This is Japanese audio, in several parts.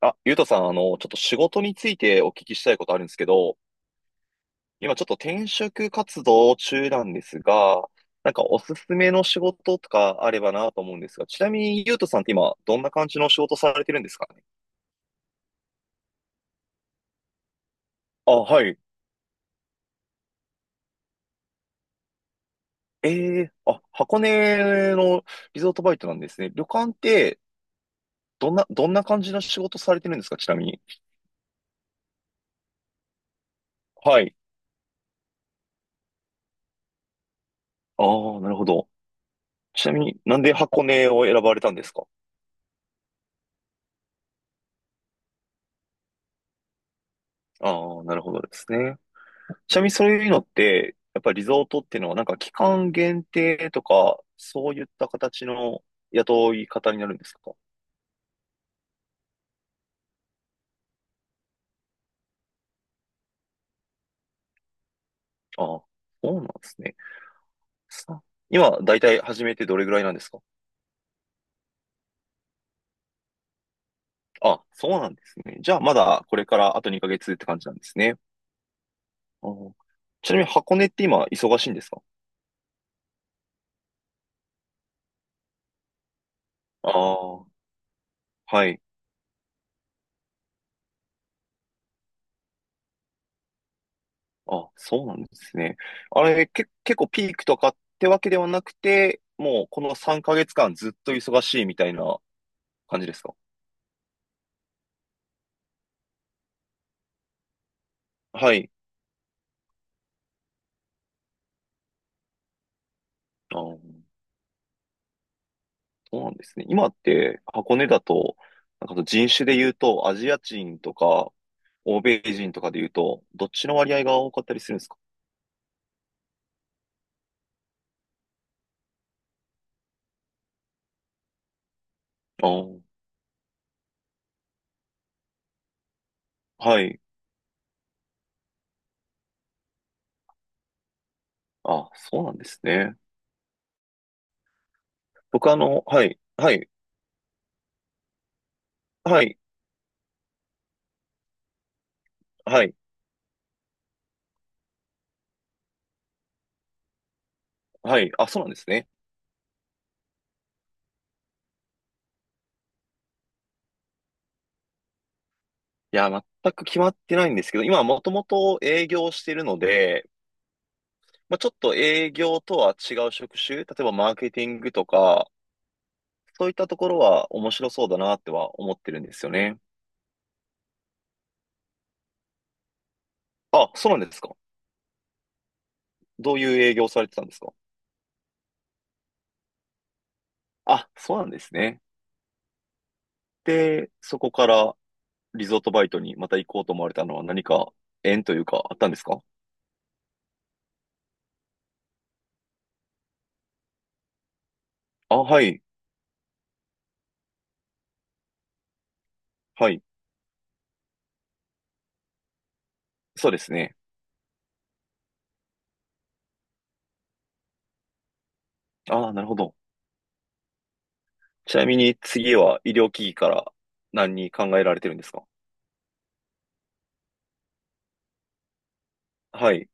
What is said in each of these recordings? あ、ゆうとさん、ちょっと仕事についてお聞きしたいことあるんですけど、今ちょっと転職活動中なんですが、なんかおすすめの仕事とかあればなと思うんですが、ちなみにゆうとさんって今、どんな感じの仕事されてるんですかね？あ、はい。ええあ、箱根のリゾートバイトなんですね。旅館って、どんな感じの仕事されてるんですかちなみに。はい。ああ、なるほど。ちなみになんで箱根を選ばれたんですか？ああー、なるほどですね。ちなみにそういうのって、やっぱりリゾートっていうのはなんか期間限定とか、そういった形の雇い方になるんですか？ああ、そうなんですね。さ今、だいたい始めてどれぐらいなんですか？あ、そうなんですね。じゃあまだこれからあと2ヶ月って感じなんですね。ああ。ちなみに箱根って今忙しいんですか？ああ、はい。あ、そうなんですね。あれ、結構ピークとかってわけではなくて、もうこの3ヶ月間ずっと忙しいみたいな感じですか？はい。あー、そうなんですね。今って箱根だと、なんかその人種で言うと、アジア人とか、欧米人とかで言うと、どっちの割合が多かったりするんですか？あー、はい。あ、そうなんですね。僕はい、はい、はい、はい、はい。あ、そうなんですね。いや、全く決まってないんですけど、今はもともと営業してるので、まあ、ちょっと営業とは違う職種、例えばマーケティングとか、そういったところは面白そうだなっては思ってるんですよね。あ、そうなんですか。どういう営業をされてたんですか？あ、そうなんですね。で、そこからリゾートバイトにまた行こうと思われたのは何か縁というかあったんですか？あ、はい、はい。そうですね。あ、なるほど。ちなみに次は医療機器から何に考えられてるんですか？はい。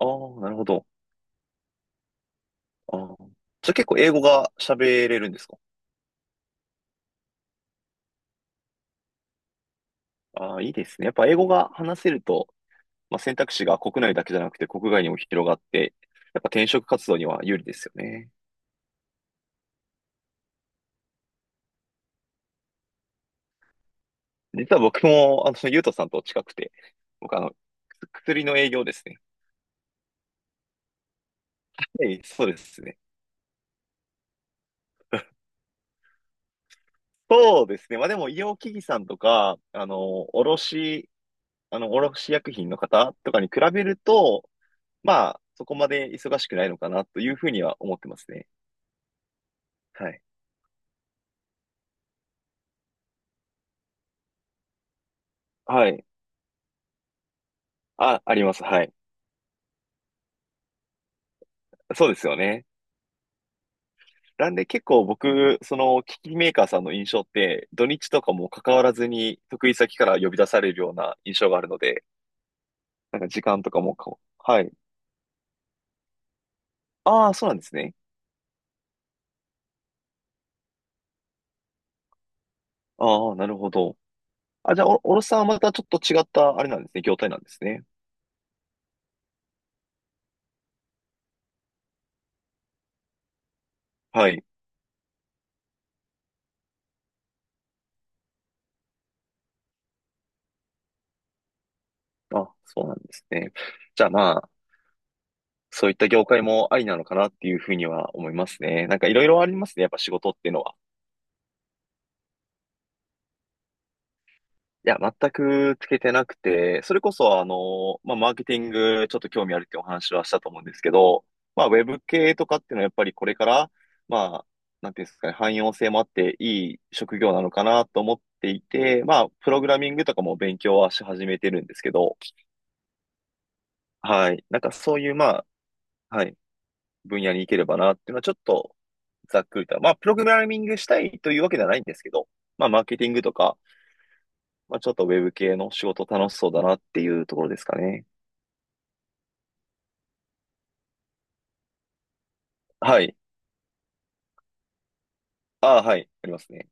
ああ、なるほど。あー、じゃあ結構英語が喋れるんですか？ああ、いいですね。やっぱ英語が話せると、まあ、選択肢が国内だけじゃなくて国外にも広がって、やっぱ転職活動には有利ですよね。実は僕も、ゆうとさんと近くて、僕薬の営業ですね。ええ、そうですね。そうですね。まあでも、医療機器さんとか、卸薬品の方とかに比べると、まあ、そこまで忙しくないのかなというふうには思ってますね。はい。はい。あ、あります。はい。そうですよね。なんで結構僕、機器メーカーさんの印象って、土日とかも関わらずに、得意先から呼び出されるような印象があるので、なんか時間とかもこう、はい。ああ、そうなんですね。ああ、なるほど。あ、じゃあ、おろさんはまたちょっと違った、あれなんですね、業態なんですね。はい。あ、そうなんですね。じゃあまあ、そういった業界もありなのかなっていうふうには思いますね。なんかいろいろありますね、やっぱ仕事っていうのは。いや、全くつけてなくて、それこそ、まあ、マーケティング、ちょっと興味あるってお話はしたと思うんですけど、まあ、ウェブ系とかっていうのはやっぱりこれから、まあ、なんていうんですかね、汎用性もあっていい職業なのかなと思っていて、まあ、プログラミングとかも勉強はし始めてるんですけど、はい。なんかそういう、まあ、はい、分野に行ければなっていうのはちょっとざっくりと、まあ、プログラミングしたいというわけではないんですけど、まあ、マーケティングとか、まあ、ちょっとウェブ系の仕事楽しそうだなっていうところですかね。はい。ああ、はい。ありますね。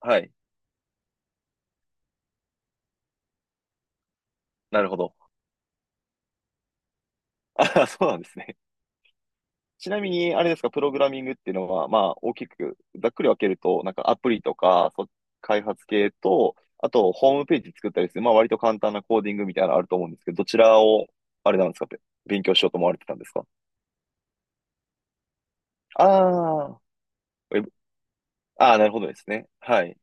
はい。なるほど。ああ、そうなんですね。ちなみに、あれですか、プログラミングっていうのは、まあ、大きく、ざっくり分けると、なんかアプリとか、開発系と、あと、ホームページ作ったりする、まあ、割と簡単なコーディングみたいなのあると思うんですけど、どちらを、あれなんですか、勉強しようと思われてたんですか？ああ、ウェブ、ああ、なるほどですね。はい。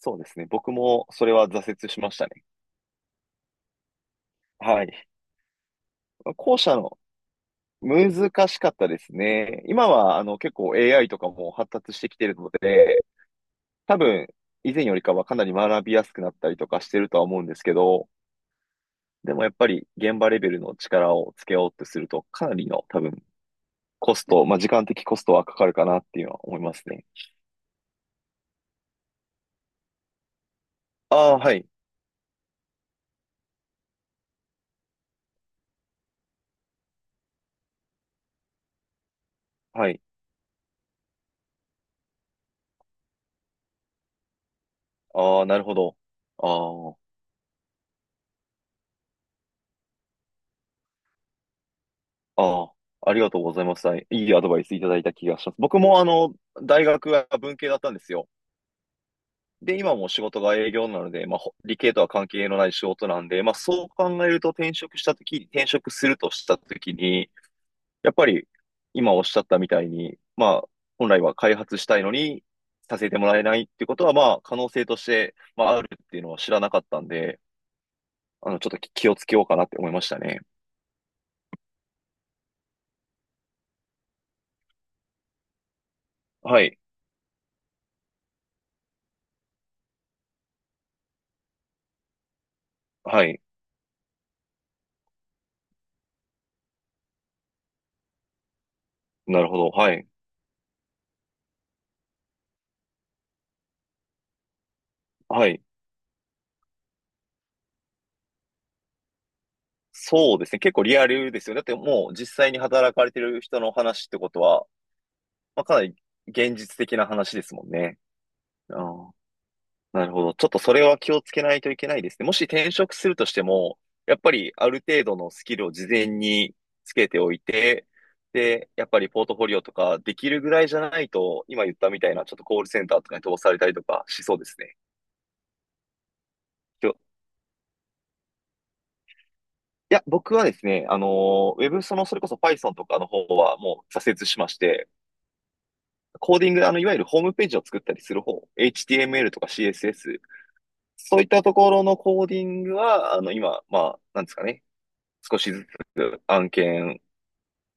そうですね。僕も、それは挫折しましたね。はい。まあ後者の、難しかったですね。今は結構 AI とかも発達してきてるので、多分以前よりかはかなり学びやすくなったりとかしてるとは思うんですけど、でもやっぱり現場レベルの力をつけようとするとかなりの多分コスト、まあ、時間的コストはかかるかなっていうのは思いますね。ああ、はい。はい。ああ、なるほど。ああ、ああ、ありがとうございます。はい、いいアドバイスいただいた気がします。僕も大学は文系だったんですよ。で、今も仕事が営業なので、まあ、理系とは関係のない仕事なんで、まあ、そう考えると転職したとき、転職するとしたときに、やっぱり今おっしゃったみたいに、まあ、本来は開発したいのにさせてもらえないっていうことは、まあ、可能性として、まあ、あるっていうのは知らなかったんで、ちょっと気をつけようかなって思いましたね。はい。はい。なるほど。はい。はい。そうですね。結構リアルですよね。だってもう実際に働かれてる人の話ってことは、まあ、かなり現実的な話ですもんね。ああ、なるほど。ちょっとそれは気をつけないといけないですね。もし転職するとしても、やっぱりある程度のスキルを事前につけておいて、で、やっぱりポートフォリオとかできるぐらいじゃないと、今言ったみたいなちょっとコールセンターとかに飛ばされたりとかしそうですね。きょいや、僕はですね、あのー、ウェブ、その、それこそ Python とかの方はもう挫折しまして、コーディング、いわゆるホームページを作ったりする方、HTML とか CSS そういったところのコーディングは、今、まあ、なんですかね。少しずつ案件、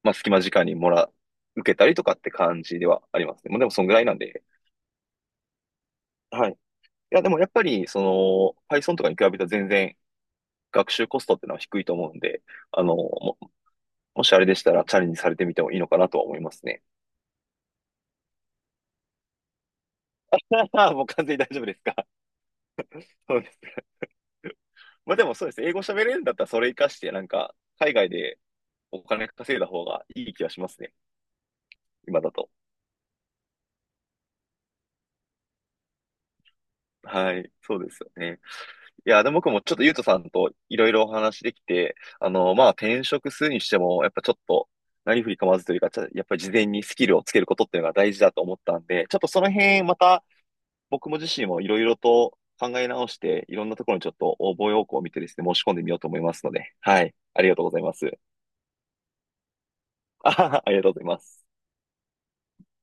まあ、隙間時間に受けたりとかって感じではありますね。もうでも、そんぐらいなんで。はい。いや、でもやっぱり、Python とかに比べたら全然学習コストってのは低いと思うんで、あの、も、もしあれでしたらチャレンジされてみてもいいのかなとは思いますね。ああ、もう完全に大丈夫ですか？そうです。まあでもそうです。英語喋れるんだったらそれ活かして、なんか、海外でお金稼いだ方がいい気がしますね。今だと。はい、そうですよね。いや、でも僕もちょっとゆうとさんといろいろお話できて、まあ、転職するにしても、やっぱちょっと、何振り構わずというか、やっぱり事前にスキルをつけることっていうのが大事だと思ったんで、ちょっとその辺、また僕も自身もいろいろと考え直して、いろんなところにちょっと応募要項を見てですね、申し込んでみようと思いますので、はい、ありがとうございます。ありがとうございます。